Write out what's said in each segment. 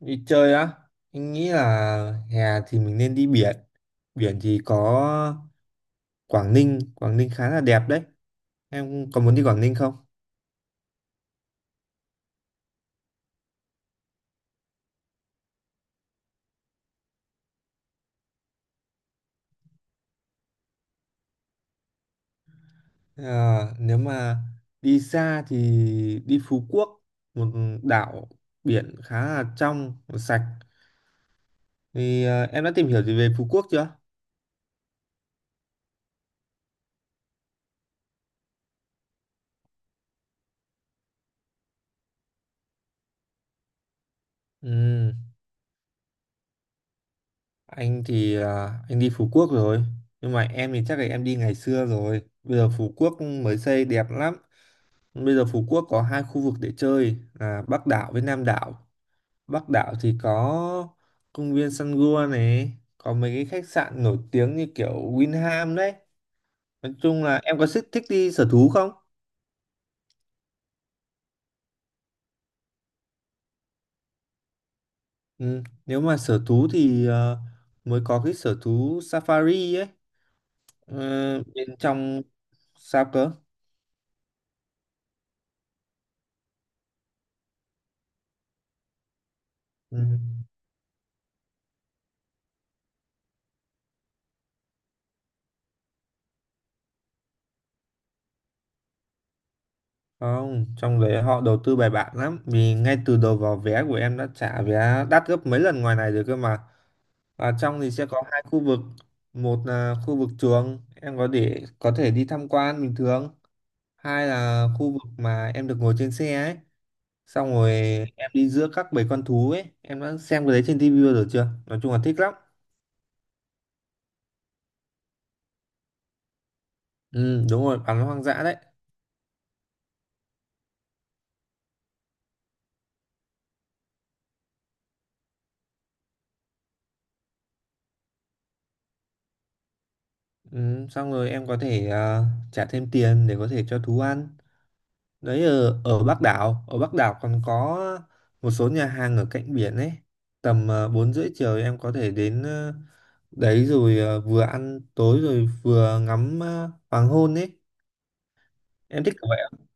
Đi chơi á, anh nghĩ là hè thì mình nên đi biển. Biển thì có Quảng Ninh, Quảng Ninh khá là đẹp đấy. Em có muốn đi Quảng Ninh không? À, nếu mà đi xa thì đi Phú Quốc, một đảo biển khá là trong, sạch. Thì em đã tìm hiểu gì về Phú Quốc chưa? Ừ, anh thì anh đi Phú Quốc rồi, nhưng mà em thì chắc là em đi ngày xưa rồi. Bây giờ Phú Quốc mới xây đẹp lắm. Bây giờ Phú Quốc có hai khu vực để chơi là Bắc đảo với Nam đảo. Bắc đảo thì có công viên Sun Gua này, có mấy cái khách sạn nổi tiếng như kiểu Winham đấy. Nói chung là em có thích thích đi sở thú không? Ừ. Nếu mà sở thú thì mới có cái sở thú Safari ấy. Ờ, bên trong sao cơ? Ừ. Không, trong đấy họ đầu tư bài bản lắm vì ngay từ đầu vào vé của em đã trả vé đắt gấp mấy lần ngoài này rồi cơ mà. Ở trong thì sẽ có hai khu vực, một là khu vực trường em có để có thể đi tham quan bình thường, hai là khu vực mà em được ngồi trên xe ấy. Xong rồi em đi giữa các bầy con thú ấy, em đã xem cái đấy trên tivi bao giờ chưa? Nói chung là thích lắm. Ừ, đúng rồi, bắn hoang dã đấy. Ừ, xong rồi em có thể trả thêm tiền để có thể cho thú ăn. Đấy ở Bắc đảo còn có một số nhà hàng ở cạnh biển ấy, tầm bốn rưỡi chiều em có thể đến đấy rồi vừa ăn tối rồi vừa ngắm hoàng hôn ấy, em thích kiểu vậy ạ.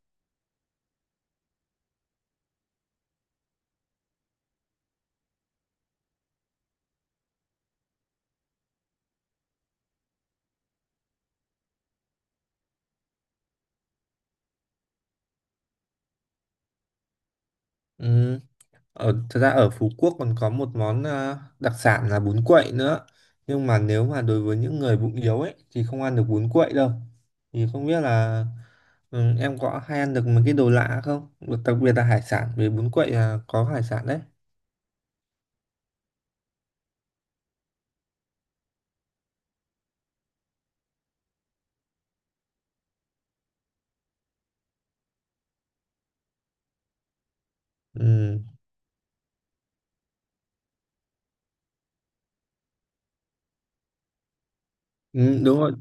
Ừ. Ở thật ra ở Phú Quốc còn có một món đặc sản là bún quậy nữa, nhưng mà nếu mà đối với những người bụng yếu ấy thì không ăn được bún quậy đâu. Thì không biết là ừ, em có hay ăn được mấy cái đồ lạ không, đặc biệt là hải sản vì bún quậy là có hải sản đấy. Ừ. Ừ,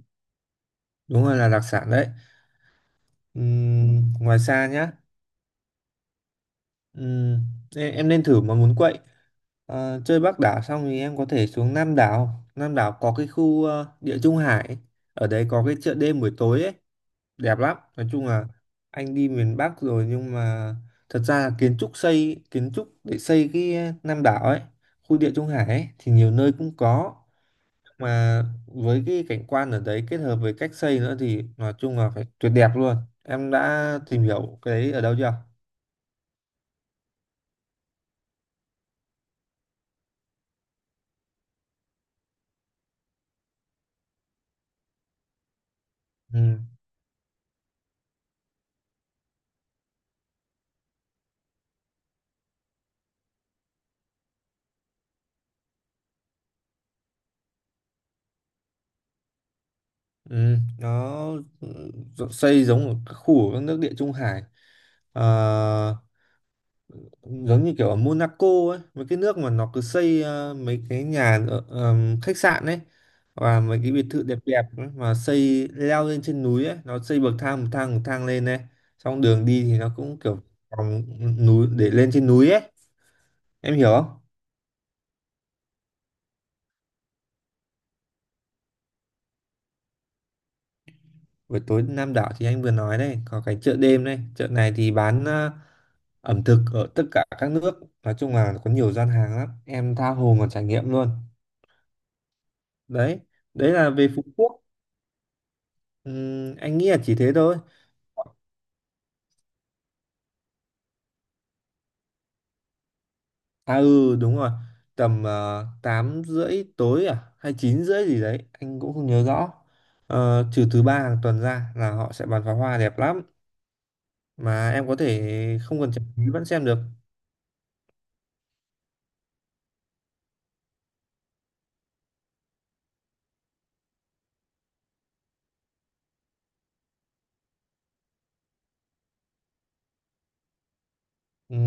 đúng rồi là đặc sản đấy. Ừ, ngoài xa nhá. Ừ, ê, em nên thử mà muốn quậy. Ờ, chơi Bắc đảo xong thì em có thể xuống Nam đảo. Nam đảo có cái khu Địa Trung Hải, ở đấy có cái chợ đêm buổi tối ấy, đẹp lắm. Nói chung là anh đi miền Bắc rồi nhưng mà thật ra là kiến trúc xây kiến trúc để xây cái Nam đảo ấy, khu Địa Trung Hải ấy, thì nhiều nơi cũng có, mà với cái cảnh quan ở đấy kết hợp với cách xây nữa thì nói chung là phải tuyệt đẹp luôn. Em đã tìm hiểu cái đấy ở đâu chưa? Ừ. Ừ. Nó ừ, xây giống ở các khu ở các nước địa Trung Hải. Ờ, giống như kiểu ở Monaco ấy, mấy cái nước mà nó cứ xây mấy cái nhà ở, khách sạn ấy, và mấy cái biệt thự đẹp đẹp ấy, mà xây leo lên trên núi ấy, nó xây bậc thang bậc thang bậc thang lên này, xong đường đi thì nó cũng kiểu vòng núi để lên trên núi ấy. Em hiểu không? Buổi tối Nam đảo thì anh vừa nói đây, có cái chợ đêm đây, chợ này thì bán ẩm thực ở tất cả các nước, nói chung là có nhiều gian hàng lắm, em tha hồ mà trải nghiệm luôn. Đấy, đấy là về Phú Quốc. Anh nghĩ là chỉ thế thôi. À ừ, đúng rồi, tầm 8 rưỡi tối à, hay 9 rưỡi gì đấy, anh cũng không nhớ rõ. Ờ, trừ thứ ba hàng tuần ra là họ sẽ bắn pháo hoa đẹp lắm, mà em có thể không cần trả phí vẫn xem được. Ừ.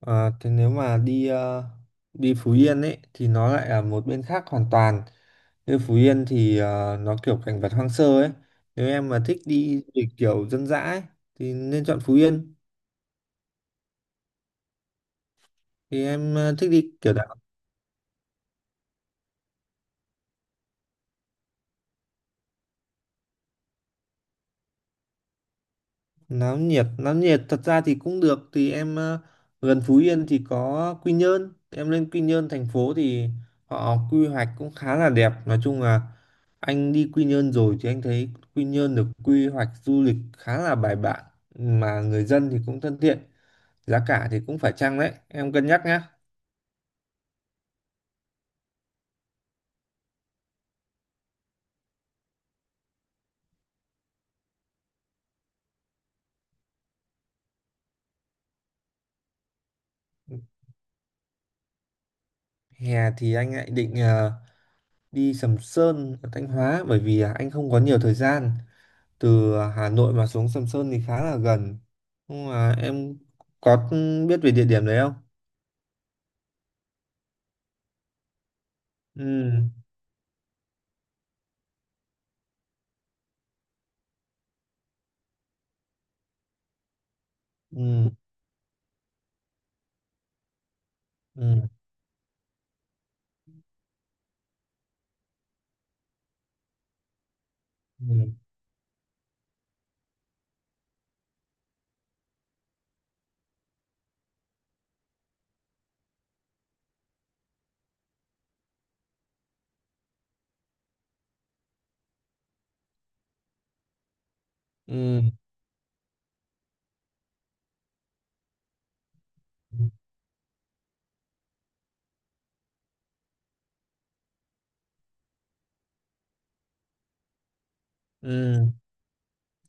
À, thế nếu mà đi đi Phú Yên ấy thì nó lại là một bên khác hoàn toàn. Như Phú Yên thì nó kiểu cảnh vật hoang sơ ấy. Nếu em mà thích đi du lịch kiểu dân dã ấy thì nên chọn Phú Yên. Thì em thích đi kiểu náo nhiệt, náo nhiệt thật ra thì cũng được. Thì em gần Phú Yên thì có Quy Nhơn, em lên Quy Nhơn thành phố thì họ quy hoạch cũng khá là đẹp. Nói chung là anh đi Quy Nhơn rồi thì anh thấy Quy Nhơn được quy hoạch du lịch khá là bài bản, mà người dân thì cũng thân thiện, giá cả thì cũng phải chăng đấy, em cân nhắc nhá. Hè thì anh lại định đi Sầm Sơn ở Thanh Hóa, bởi vì anh không có nhiều thời gian, từ Hà Nội mà xuống Sầm Sơn thì khá là gần, nhưng mà em có biết về địa điểm đấy không? Ừ. Ừ. Ừ. Ừ. Ừ. Ừ.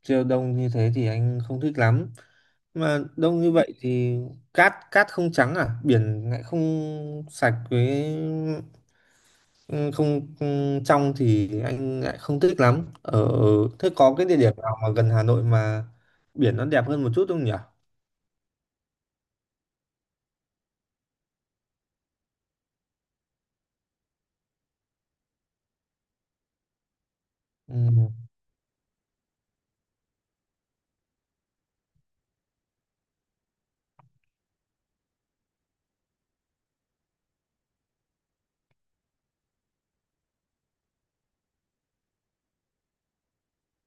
Siêu đông như thế thì anh không thích lắm, mà đông như vậy thì cát cát không trắng à, biển lại không sạch với ừ, không ừ, trong thì anh lại không thích lắm. Ở thế có cái địa điểm nào mà gần Hà Nội mà biển nó đẹp hơn một chút không nhỉ? Ừ.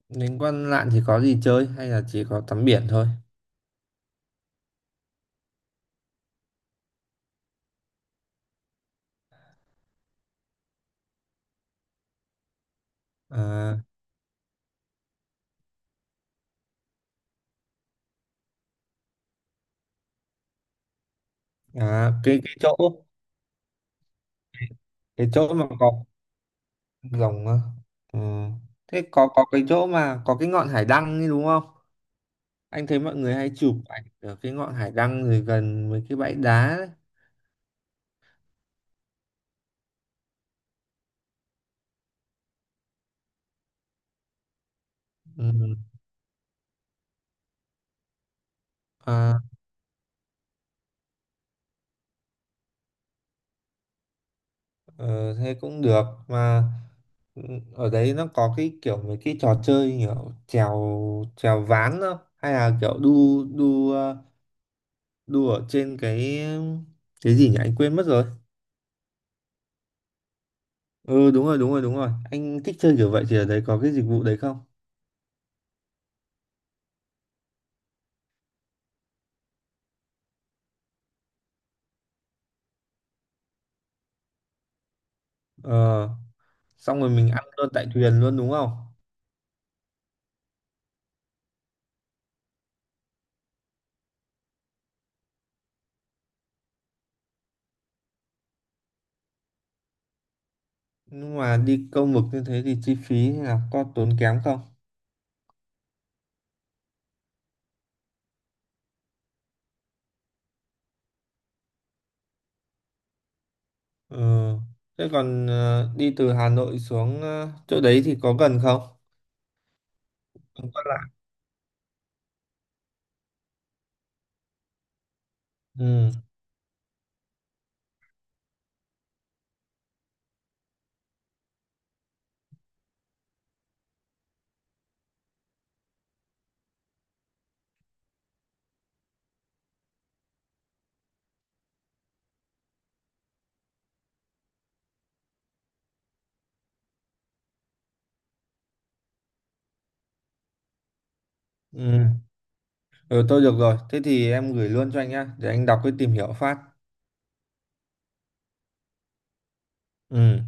Đến Quan Lạn thì có gì chơi hay là chỉ có tắm biển thôi? À, à cái chỗ mà có rồng á. Ừ. Thế có cái chỗ mà có cái ngọn hải đăng ấy đúng không? Anh thấy mọi người hay chụp ảnh ở cái ngọn hải đăng rồi gần với cái bãi đá ấy. Ừ. À, ờ, thế cũng được mà ừ, ở đấy nó có cái kiểu mấy cái trò chơi kiểu trèo trèo ván không? Hay là kiểu đu đu đu ở trên cái gì nhỉ? Anh quên mất rồi. Ừ đúng rồi đúng rồi đúng rồi, anh thích chơi kiểu vậy thì ở đấy có cái dịch vụ đấy không? Ờ. Xong rồi mình ăn luôn tại thuyền luôn đúng không? Nhưng mà đi câu mực như thế thì chi phí hay là có tốn kém không? Ừ. Thế còn đi từ Hà Nội xuống chỗ đấy thì có gần không? Không có lạ. Ừ. Ừ. Ừ tôi được rồi. Thế thì em gửi luôn cho anh nhá, để anh đọc cái tìm hiểu phát. Ừ.